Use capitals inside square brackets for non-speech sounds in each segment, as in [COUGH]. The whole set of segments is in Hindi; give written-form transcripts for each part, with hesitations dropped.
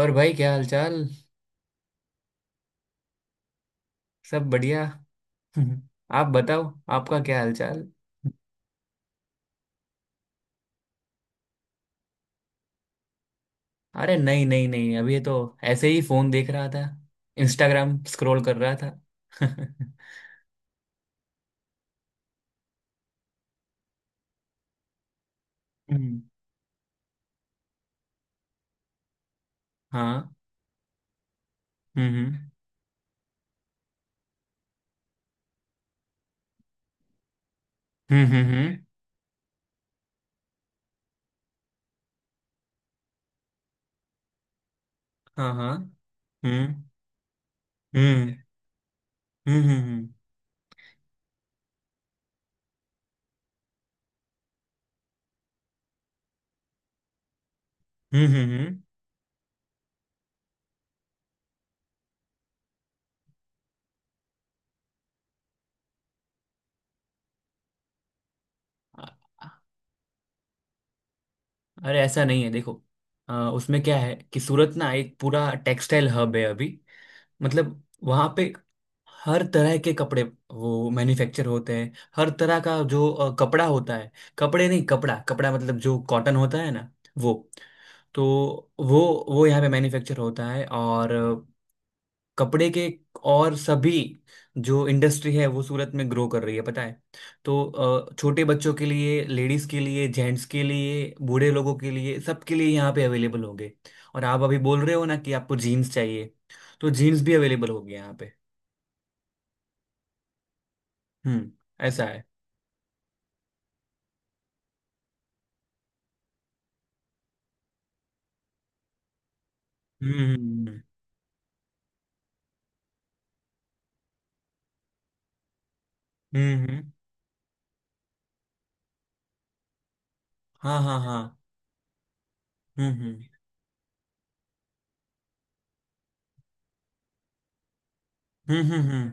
और भाई क्या हालचाल। सब बढ़िया। [LAUGHS] आप बताओ। आपका क्या हालचाल। अरे नहीं नहीं नहीं, अभी तो ऐसे ही फोन देख रहा था। इंस्टाग्राम स्क्रॉल कर रहा था। [LAUGHS] हम्म, हाँ। हम्म हम्म। हाँ हाँ। हम्म हम्म। हम्म हम्म हम्म हम्म, हम्म। अ- अरे ऐसा नहीं है, देखो। उसमें क्या है कि सूरत ना एक पूरा टेक्सटाइल हब है अभी। मतलब वहां पे हर तरह के कपड़े वो मैन्युफैक्चर होते हैं। हर तरह का जो कपड़ा होता है। कपड़े नहीं, कपड़ा कपड़ा, मतलब जो कॉटन होता है ना। वो, तो वो यहाँ पे मैन्युफैक्चर होता है। और कपड़े के, और सभी जो इंडस्ट्री है वो सूरत में ग्रो कर रही है पता है। तो छोटे बच्चों के लिए, लेडीज के लिए, जेंट्स के लिए, बूढ़े लोगों के लिए, सबके लिए यहाँ पे अवेलेबल होंगे। और आप अभी बोल रहे हो ना कि आपको जीन्स चाहिए, तो जीन्स भी अवेलेबल होगी यहाँ पे। हम्म। ऐसा है। हम्म हम्म हम्म हम्म, हाँ हाँ। हाँ हम्म हम्म हम्म। हम्म,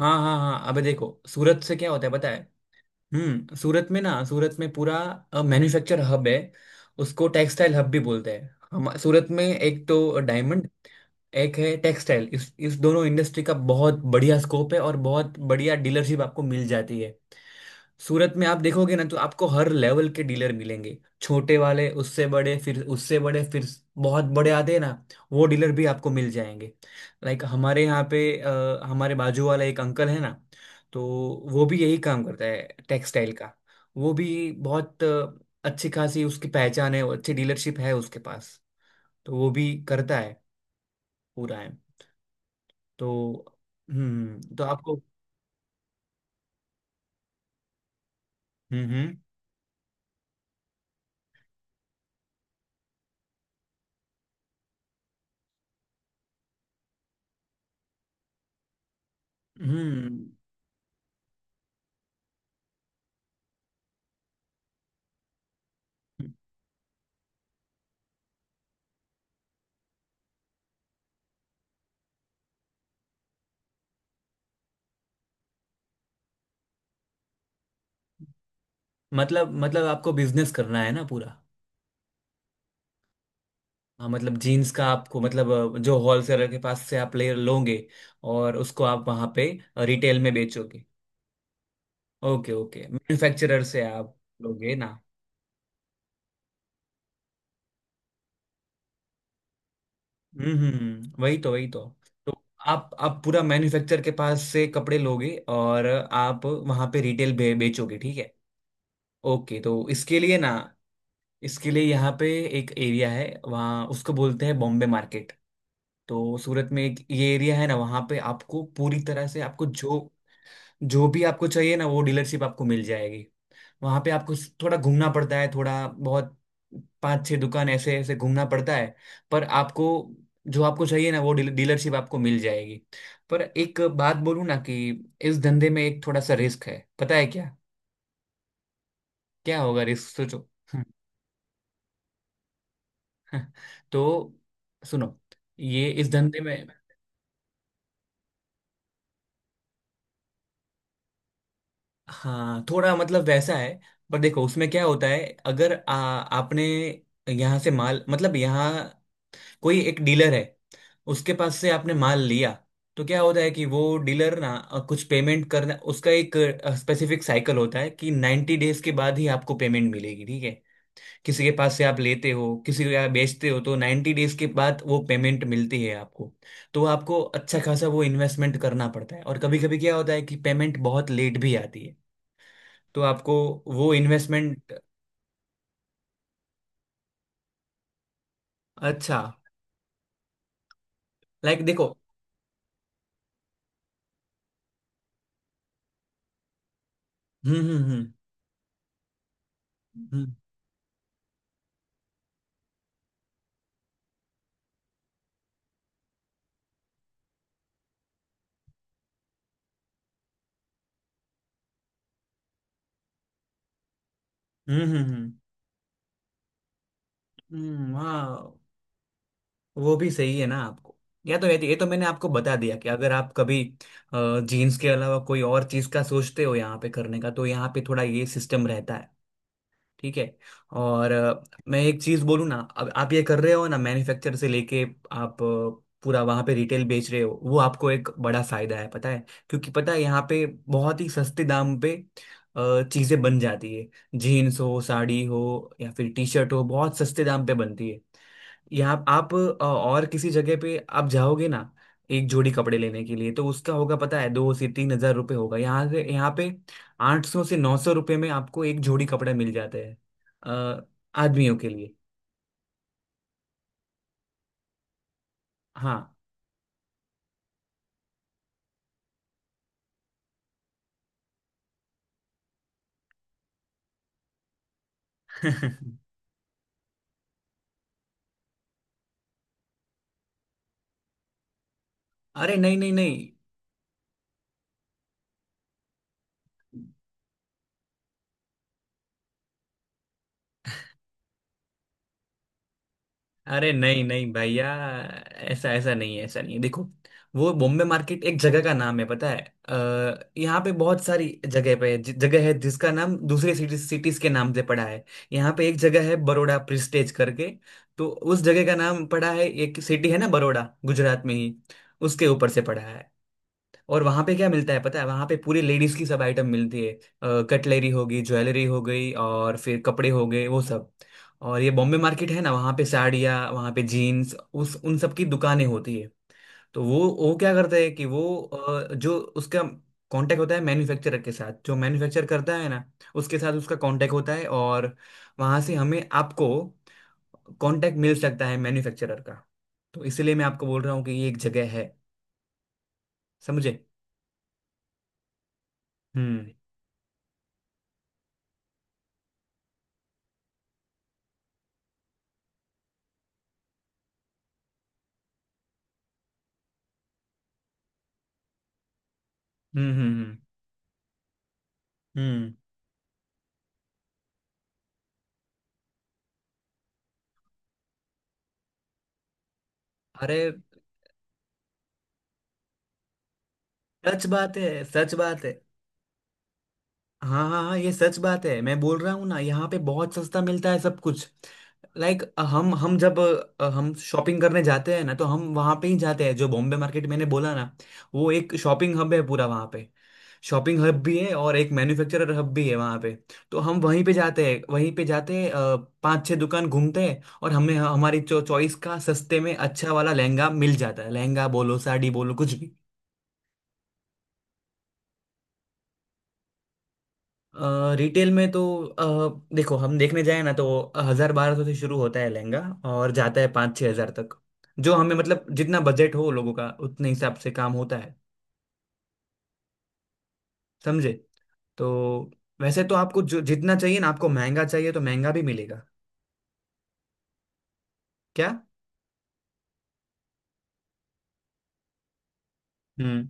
हाँ हाँ हाँ, अबे देखो सूरत से क्या होता है पता है। हम्म, सूरत में ना, सूरत में पूरा मैन्युफैक्चर हब है। उसको टेक्सटाइल हब भी बोलते हैं हम। सूरत में एक तो डायमंड, एक है टेक्सटाइल, इस दोनों इंडस्ट्री का बहुत बढ़िया स्कोप है और बहुत बढ़िया डीलरशिप आपको मिल जाती है। सूरत में आप देखोगे ना, तो आपको हर लेवल के डीलर मिलेंगे, छोटे वाले, उससे बड़े, फिर उससे बड़े, फिर बहुत बड़े आते हैं ना, वो डीलर भी आपको मिल जाएंगे। लाइक हमारे यहाँ पे, हमारे बाजू वाला एक अंकल है ना, तो वो भी यही काम करता है, टेक्सटाइल का। वो भी बहुत अच्छी खासी उसकी पहचान है, अच्छी डीलरशिप है उसके पास। तो वो भी करता है, पूरा है। तो तो आपको। हम्म हम्म हम्म। मतलब आपको बिजनेस करना है ना, पूरा। हाँ, मतलब जीन्स का आपको, मतलब जो होलसेलर के पास से आप ले लोगे और उसको आप वहाँ पे रिटेल में बेचोगे। ओके ओके, मैन्युफैक्चरर से आप लोगे ना। वही तो, तो आप पूरा मैन्युफैक्चर के पास से कपड़े लोगे और आप वहाँ पे रिटेल बेचोगे, ठीक है। ओके, तो इसके लिए ना, इसके लिए यहाँ पे एक एरिया है वहाँ, उसको बोलते हैं बॉम्बे मार्केट। तो सूरत में एक ये एरिया है ना, वहाँ पे आपको पूरी तरह से, आपको जो जो भी आपको चाहिए ना वो डीलरशिप आपको मिल जाएगी। वहाँ पे आपको थोड़ा घूमना पड़ता है, थोड़ा बहुत, पांच छह दुकान ऐसे ऐसे घूमना पड़ता है। पर आपको जो आपको चाहिए ना, वो डीलरशिप आपको मिल जाएगी। पर एक बात बोलूँ ना कि इस धंधे में एक थोड़ा सा रिस्क है, पता है क्या। क्या होगा रिस्क सोचो। [LAUGHS] तो सुनो, ये इस धंधे में। हाँ थोड़ा मतलब वैसा है। पर देखो उसमें क्या होता है, अगर आपने यहाँ से माल, मतलब यहाँ कोई एक डीलर है, उसके पास से आपने माल लिया, तो क्या होता है कि वो डीलर ना, कुछ पेमेंट करना, उसका एक स्पेसिफिक साइकिल होता है कि नाइन्टी डेज के बाद ही आपको पेमेंट मिलेगी, ठीक है। किसी के पास से आप लेते हो, किसी को आप बेचते हो, तो 90 डेज के बाद वो पेमेंट मिलती है आपको। तो आपको अच्छा खासा वो इन्वेस्टमेंट करना पड़ता है, और कभी कभी क्या होता है कि पेमेंट बहुत लेट भी आती है। तो आपको वो इन्वेस्टमेंट। अच्छा लाइक देखो। हम्म हम्म हम्म हम्म हम्म हम्म हम्म, हम्म। हाँ, वो भी सही है ना आपको। या तो ये तो मैंने आपको बता दिया कि अगर आप कभी जीन्स के अलावा कोई और चीज का सोचते हो यहाँ पे करने का, तो यहाँ पे थोड़ा ये सिस्टम रहता है, ठीक है। और मैं एक चीज बोलूँ ना, अब आप ये कर रहे हो ना, मैन्युफैक्चर से लेके आप पूरा वहां पे रिटेल बेच रहे हो, वो आपको एक बड़ा फायदा है पता है, क्योंकि पता है यहाँ पे बहुत ही सस्ते दाम पे चीजें बन जाती है। जीन्स हो, साड़ी हो, या फिर टी शर्ट हो, बहुत सस्ते दाम पे बनती है। यहाँ आप और किसी जगह पे आप जाओगे ना एक जोड़ी कपड़े लेने के लिए, तो उसका होगा पता है, दो से तीन हजार रुपये होगा। यहाँ से, यहाँ पे आठ सौ से नौ सौ रुपये में आपको एक जोड़ी कपड़े मिल जाते हैं, अ, आदमियों के लिए। हाँ। [LAUGHS] अरे नहीं नहीं नहीं, अरे नहीं नहीं भैया, ऐसा ऐसा नहीं है, ऐसा नहीं है, देखो। वो बॉम्बे मार्केट एक जगह का नाम है पता है। यहाँ पे बहुत सारी जगह पे जगह है जिसका नाम दूसरे सिटीज के नाम से पड़ा है। यहाँ पे एक जगह है बड़ौदा प्रिस्टेज करके। तो उस जगह का नाम पड़ा है, एक सिटी है ना बड़ौदा, गुजरात में ही, उसके ऊपर से पड़ा है। और वहां पे क्या मिलता है पता है, वहां पे पूरी लेडीज की सब आइटम मिलती है। कटलरी हो गई, ज्वेलरी हो गई, और फिर कपड़े हो गए, वो सब। और ये बॉम्बे मार्केट है ना, वहां पे साड़ियाँ, वहां पे जीन्स, उस उन सब की दुकानें होती है। तो वो क्या करता है कि वो, जो उसका कांटेक्ट होता है मैन्युफैक्चरर के साथ, जो मैन्युफैक्चर करता है ना, उसके साथ उसका कांटेक्ट होता है, और वहां से हमें, आपको कांटेक्ट मिल सकता है मैन्युफैक्चरर का। तो इसीलिए मैं आपको बोल रहा हूँ कि ये एक जगह है, समझे। हम्म हम्म हम्म हम्म। अरे, सच बात है, सच बात है। हाँ हाँ हाँ ये सच बात है, मैं बोल रहा हूँ ना यहाँ पे बहुत सस्ता मिलता है सब कुछ। लाइक हम जब हम शॉपिंग करने जाते हैं ना तो हम वहाँ पे ही जाते हैं, जो बॉम्बे मार्केट मैंने बोला ना। वो एक शॉपिंग हब है, पूरा वहाँ पे। शॉपिंग हब भी है और एक मैन्युफैक्चरर हब भी है वहाँ पे। तो हम वहीं पे जाते हैं, पांच छह दुकान घूमते हैं और हमें हमारी चॉइस का सस्ते में अच्छा वाला लहंगा मिल जाता है, लहंगा बोलो, साड़ी बोलो, कुछ भी। रिटेल में तो देखो हम देखने जाए ना तो हजार बारह सौ से शुरू होता है लहंगा, और जाता है पाँच छः हजार तक। जो हमें मतलब जितना बजट हो लोगों का उतने हिसाब से काम होता है, समझे। तो वैसे तो आपको जो जितना चाहिए ना, आपको महंगा चाहिए तो महंगा भी मिलेगा। क्या। हम्म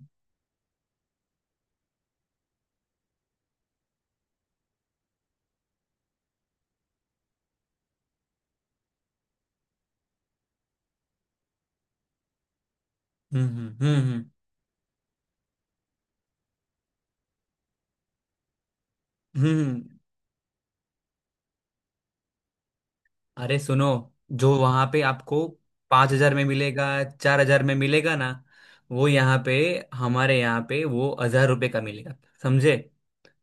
हम्म हम्म हम्म हम्म हम्म। अरे सुनो, जो वहां पे आपको पाँच हजार में मिलेगा, चार हजार में मिलेगा ना, वो यहाँ पे, हमारे यहाँ पे वो हजार रुपये का मिलेगा, समझे।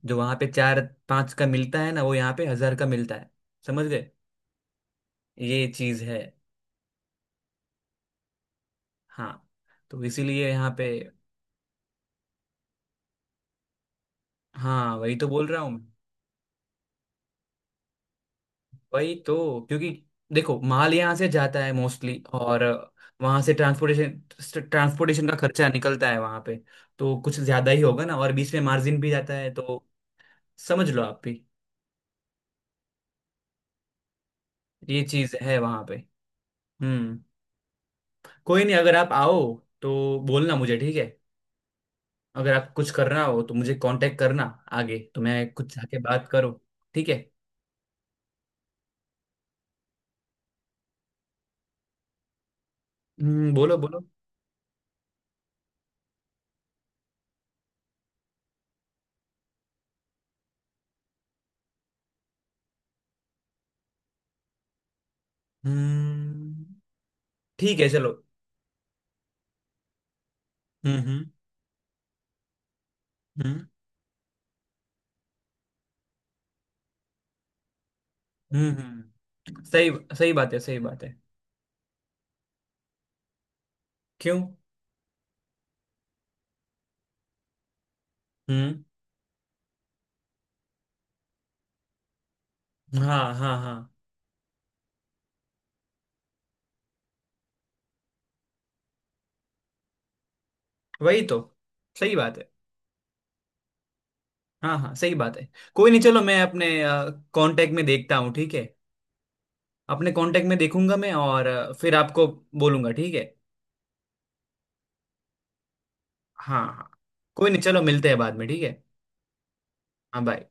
जो वहां पे चार पांच का मिलता है ना, वो यहाँ पे हजार का मिलता है, समझ गए। ये चीज है। हाँ, तो इसीलिए यहाँ पे। हाँ वही तो बोल रहा हूँ मैं। वही तो, क्योंकि देखो माल यहाँ से जाता है मोस्टली, और वहां से ट्रांसपोर्टेशन ट्रांसपोर्टेशन का खर्चा निकलता है वहां पे, तो कुछ ज्यादा ही होगा ना, और बीच में मार्जिन भी जाता है, तो समझ लो आप भी, ये चीज है वहां पे। हम्म। कोई नहीं, अगर आप आओ तो बोलना मुझे, ठीक है। अगर आप कुछ करना हो तो मुझे कांटेक्ट करना, आगे तो मैं कुछ जाके बात करूँ, ठीक है। हम्म, बोलो बोलो। हम्म, ठीक है चलो। हम्म हम्म हम्म सही, सही बात है, सही बात है। क्यों। हम्म, हाँ हाँ हाँ, वही तो सही बात है। हाँ हाँ सही बात है। कोई नहीं चलो, मैं अपने कांटेक्ट में देखता हूँ, ठीक है। अपने कांटेक्ट में देखूंगा मैं, और फिर आपको बोलूंगा, ठीक है। हाँ हाँ। कोई नहीं चलो, मिलते हैं बाद में, ठीक है। हाँ बाय।